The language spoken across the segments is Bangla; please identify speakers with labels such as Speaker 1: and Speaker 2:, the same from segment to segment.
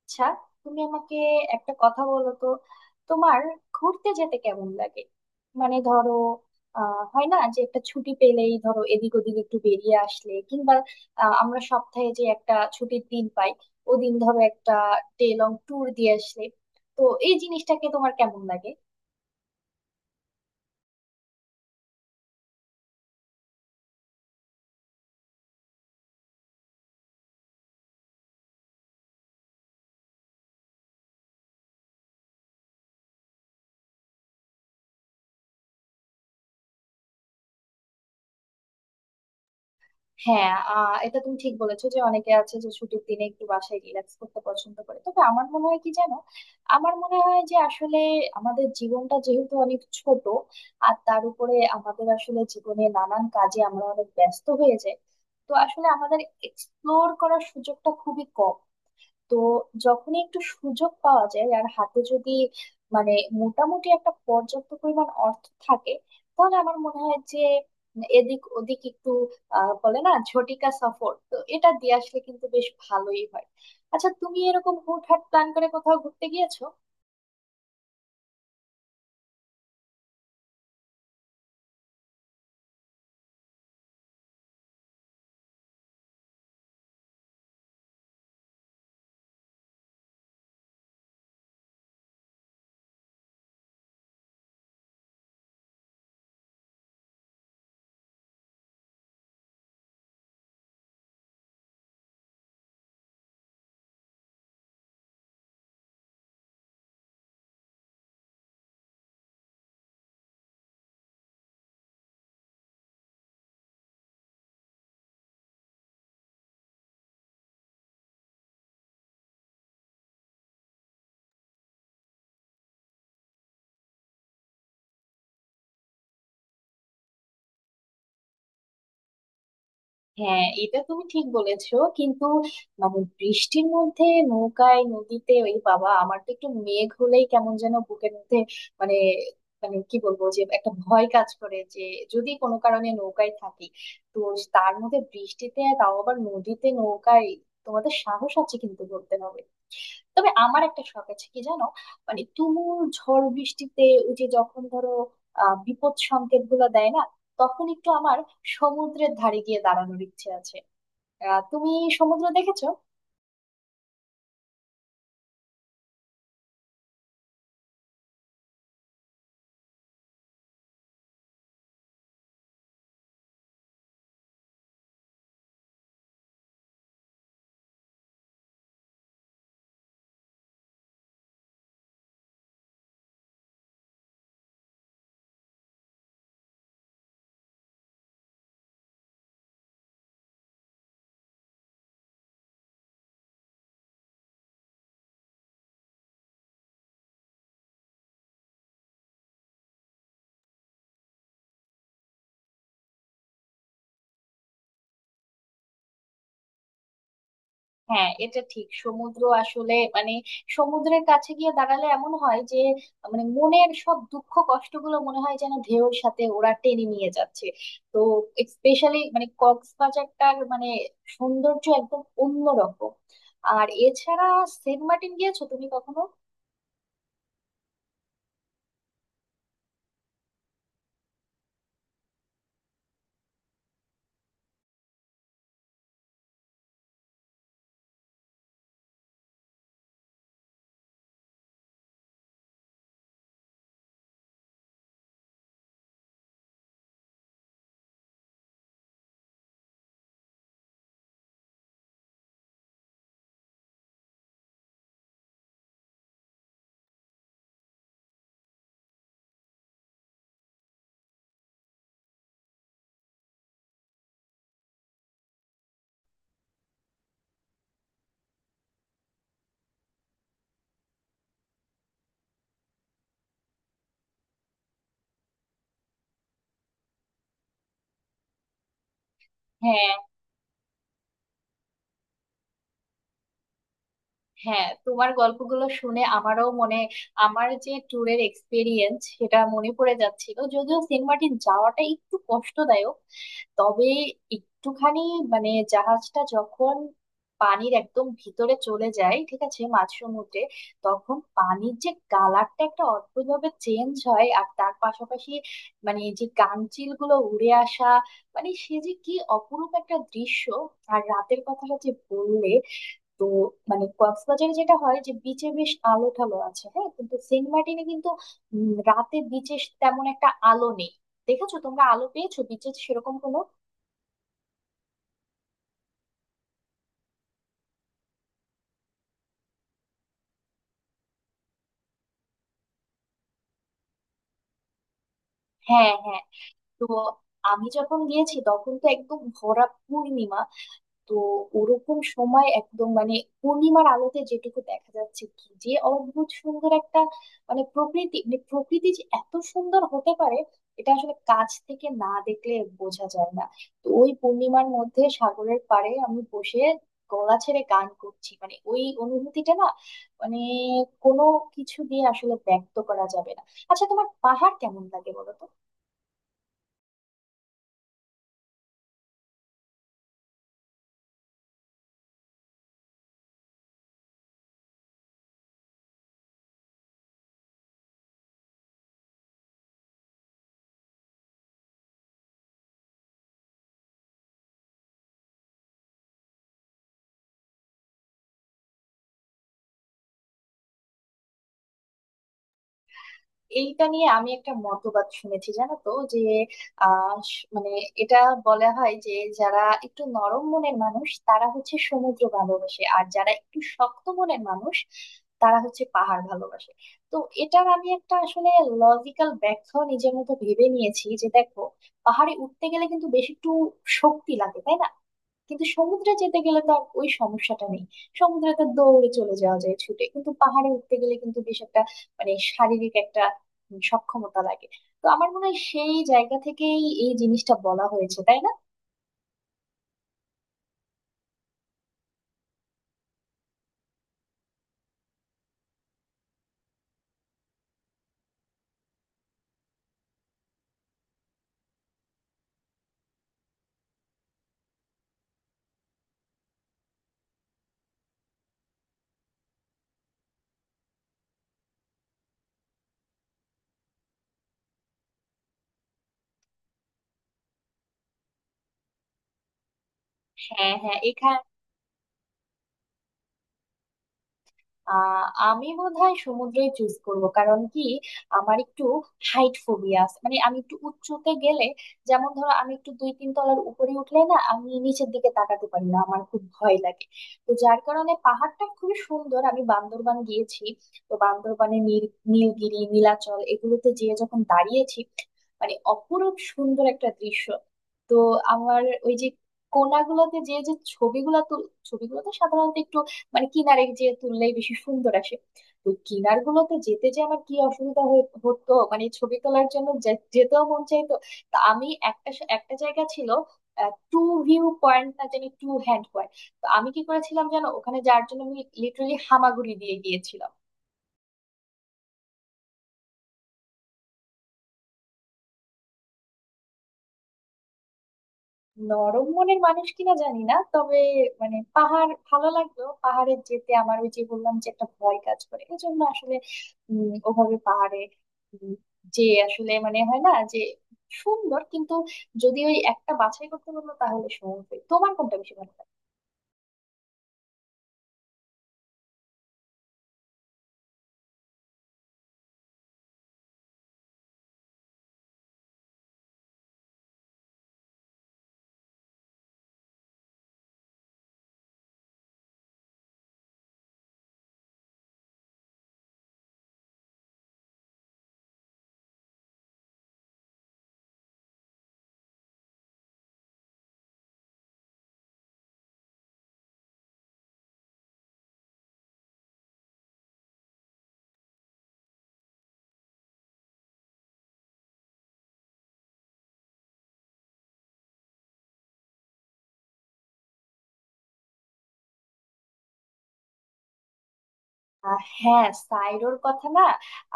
Speaker 1: আচ্ছা, তুমি আমাকে একটা কথা বলো তো, তোমার ঘুরতে যেতে কেমন লাগে? মানে ধরো, হয় না যে একটা ছুটি পেলেই ধরো এদিক ওদিক একটু বেরিয়ে আসলে, কিংবা আমরা সপ্তাহে যে একটা ছুটির দিন পাই, ওদিন ধরো একটা ডে লং ট্যুর দিয়ে আসলে, তো এই জিনিসটাকে তোমার কেমন লাগে? হ্যাঁ, এটা তুমি ঠিক বলেছো যে অনেকে আছে যে ছুটির দিনে একটু বাসায় রিল্যাক্স করতে পছন্দ করে। তবে আমার মনে হয় কি জানো, আমার মনে হয় যে আসলে আমাদের জীবনটা যেহেতু অনেক ছোট, আর তার উপরে আমাদের আসলে জীবনে নানান কাজে আমরা অনেক ব্যস্ত হয়ে যাই। তো আসলে আমাদের এক্সপ্লোর করার সুযোগটা খুবই কম। তো যখনই একটু সুযোগ পাওয়া যায়, আর হাতে যদি মানে মোটামুটি একটা পর্যাপ্ত পরিমাণ অর্থ থাকে, তাহলে আমার মনে হয় যে এদিক ওদিক একটু বলে না ঝটিকা সফর, তো এটা দিয়ে আসলে কিন্তু বেশ ভালোই হয়। আচ্ছা, তুমি এরকম হুটহাট প্ল্যান করে কোথাও ঘুরতে গিয়েছো? হ্যাঁ, এটা তুমি ঠিক বলেছো, কিন্তু মানে বৃষ্টির মধ্যে নৌকায় নদীতে, ওই বাবা, আমার তো একটু মেঘ হলেই কেমন যেন বুকের মধ্যে মানে, মানে কি বলবো, যে একটা ভয় কাজ করে যে যদি কোনো কারণে নৌকায় থাকি, তো তার মধ্যে বৃষ্টিতে, তাও আবার নদীতে নৌকায়! তোমাদের সাহস আছে কিন্তু, বলতে হবে। তবে আমার একটা শখ আছে কি জানো, মানে তুমুল ঝড় বৃষ্টিতে, ওই যে যখন ধরো বিপদ সংকেত গুলো দেয় না, তখন একটু আমার সমুদ্রের ধারে গিয়ে দাঁড়ানোর ইচ্ছে আছে। তুমি সমুদ্র দেখেছো? হ্যাঁ, এটা ঠিক, সমুদ্র আসলে মানে সমুদ্রের কাছে গিয়ে দাঁড়ালে এমন হয় যে মানে মনের সব দুঃখ কষ্টগুলো মনে হয় যেন ঢেউর সাথে ওরা টেনে নিয়ে যাচ্ছে। তো স্পেশালি মানে কক্সবাজারটার মানে সৌন্দর্য একদম অন্যরকম। আর এছাড়া সেন্ট মার্টিন গিয়েছো তুমি কখনো? হ্যাঁ, হ্যাঁ, তোমার গল্পগুলো শুনে আমারও মনে আমার যে ট্যুরের এক্সপিরিয়েন্স সেটা মনে পড়ে যাচ্ছিল। যদিও সেন্ট মার্টিন যাওয়াটা একটু কষ্টদায়ক, তবে একটুখানি মানে জাহাজটা যখন পানির একদম ভিতরে চলে যায়, ঠিক আছে, মাঝ সমুদ্রে, তখন পানির যে কালারটা একটা অদ্ভুতভাবে চেঞ্জ হয়, আর তার পাশাপাশি মানে যে কাঞ্চিল গুলো উড়ে আসা, মানে সে যে কি অপরূপ একটা দৃশ্য! আর রাতের কথাটা যে বললে, তো মানে কক্সবাজারে যেটা হয় যে বিচে বেশ আলো ঠালো আছে, হ্যাঁ, কিন্তু সেন্ট মার্টিনে কিন্তু রাতে বিচে তেমন একটা আলো নেই। দেখেছো, তোমরা আলো পেয়েছো বিচে সেরকম কোনো? হ্যাঁ, হ্যাঁ। তো আমি যখন গিয়েছি তখন তো একদম ভরা পূর্ণিমা। তো ওরকম সময় একদম মানে পূর্ণিমার আলোতে যেটুকু দেখা যাচ্ছে, কি যে অদ্ভুত সুন্দর একটা মানে প্রকৃতি, মানে প্রকৃতি যে এত সুন্দর হতে পারে এটা আসলে কাছ থেকে না দেখলে বোঝা যায় না। তো ওই পূর্ণিমার মধ্যে সাগরের পাড়ে আমি বসে গলা ছেড়ে গান করছি, মানে ওই অনুভূতিটা না মানে কোনো কিছু দিয়ে আসলে ব্যক্ত করা যাবে না। আচ্ছা, তোমার পাহাড় কেমন লাগে বলো তো? এইটা নিয়ে আমি একটা মতবাদ শুনেছি, জানো তো, যে মানে এটা বলা হয় যে যারা একটু নরম মনের মানুষ তারা হচ্ছে সমুদ্র ভালোবাসে, আর যারা একটু শক্ত মনের মানুষ তারা হচ্ছে পাহাড় ভালোবাসে। তো এটার আমি একটা আসলে লজিক্যাল ব্যাখ্যা নিজের মতো ভেবে নিয়েছি, যে দেখো, পাহাড়ে উঠতে গেলে কিন্তু বেশ একটু শক্তি লাগে, তাই না? কিন্তু সমুদ্রে যেতে গেলে তো আর ওই সমস্যাটা নেই। সমুদ্রে তো দৌড়ে চলে যাওয়া যায় ছুটে, কিন্তু পাহাড়ে উঠতে গেলে কিন্তু বেশ একটা মানে শারীরিক একটা সক্ষমতা লাগে। তো আমার মনে হয় সেই জায়গা থেকেই এই জিনিসটা বলা হয়েছে, তাই না? হ্যাঁ, হ্যাঁ। আহ আমি বোধহয় সমুদ্রই চুজ করব। কারণ কি, আমার একটু হাইট ফোবিয়া আছে, মানে আমি একটু উঁচুতে গেলে, যেমন ধরো আমি একটু দুই তিন তলার উপরে উঠলে না, আমি নিচের দিকে তাকাতে পারি না, আমার খুব ভয় লাগে। তো যার কারণে পাহাড়টা খুবই সুন্দর। আমি বান্দরবান গিয়েছি, তো বান্দরবানে নীলগিরি নীলাচল এগুলোতে যেয়ে যখন দাঁড়িয়েছি, মানে অপরূপ সুন্দর একটা দৃশ্য। তো আমার ওই যে কোনাগুলোতে যে যে ছবিগুলো তো সাধারণত একটু মানে কিনারে যে তুললেই বেশি সুন্দর আসে। তো কিনার গুলোতে যেতে যে আমার কি অসুবিধা হতো, মানে ছবি তোলার জন্য যেতেও মন চাইতো। তা আমি একটা জায়গা ছিল টু ভিউ পয়েন্ট না জানি টু হ্যান্ড পয়েন্ট, তো আমি কি করেছিলাম জানো, ওখানে যাওয়ার জন্য আমি লিটারালি হামাগুড়ি দিয়ে গিয়েছিলাম। নরম মনের মানুষ কিনা জানি না, তবে মানে পাহাড় ভালো লাগলো, পাহাড়ে যেতে আমার ওই যে বললাম যে একটা ভয় কাজ করে, এই জন্য আসলে ওভাবে পাহাড়ে উম, যে আসলে মানে হয় না যে সুন্দর, কিন্তু যদি ওই একটা বাছাই করতে বললো, তাহলে সময় তোমার কোনটা বেশি ভালো লাগে? হ্যাঁ, সাইরোর কথা না,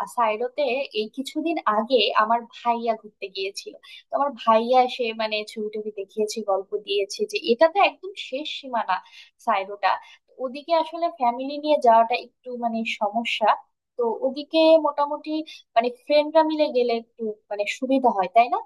Speaker 1: সাইরোতে এই কিছুদিন আগে আমার ভাইয়া ঘুরতে গিয়েছিল। তো আমার ভাইয়া সে মানে ছবি টবি দেখিয়েছে, গল্প দিয়েছে যে এটা তো একদম শেষ সীমানা সাইরোটা। তো ওদিকে আসলে ফ্যামিলি নিয়ে যাওয়াটা একটু মানে সমস্যা। তো ওদিকে মোটামুটি মানে ফ্রেন্ডরা মিলে গেলে একটু মানে সুবিধা হয়, তাই না?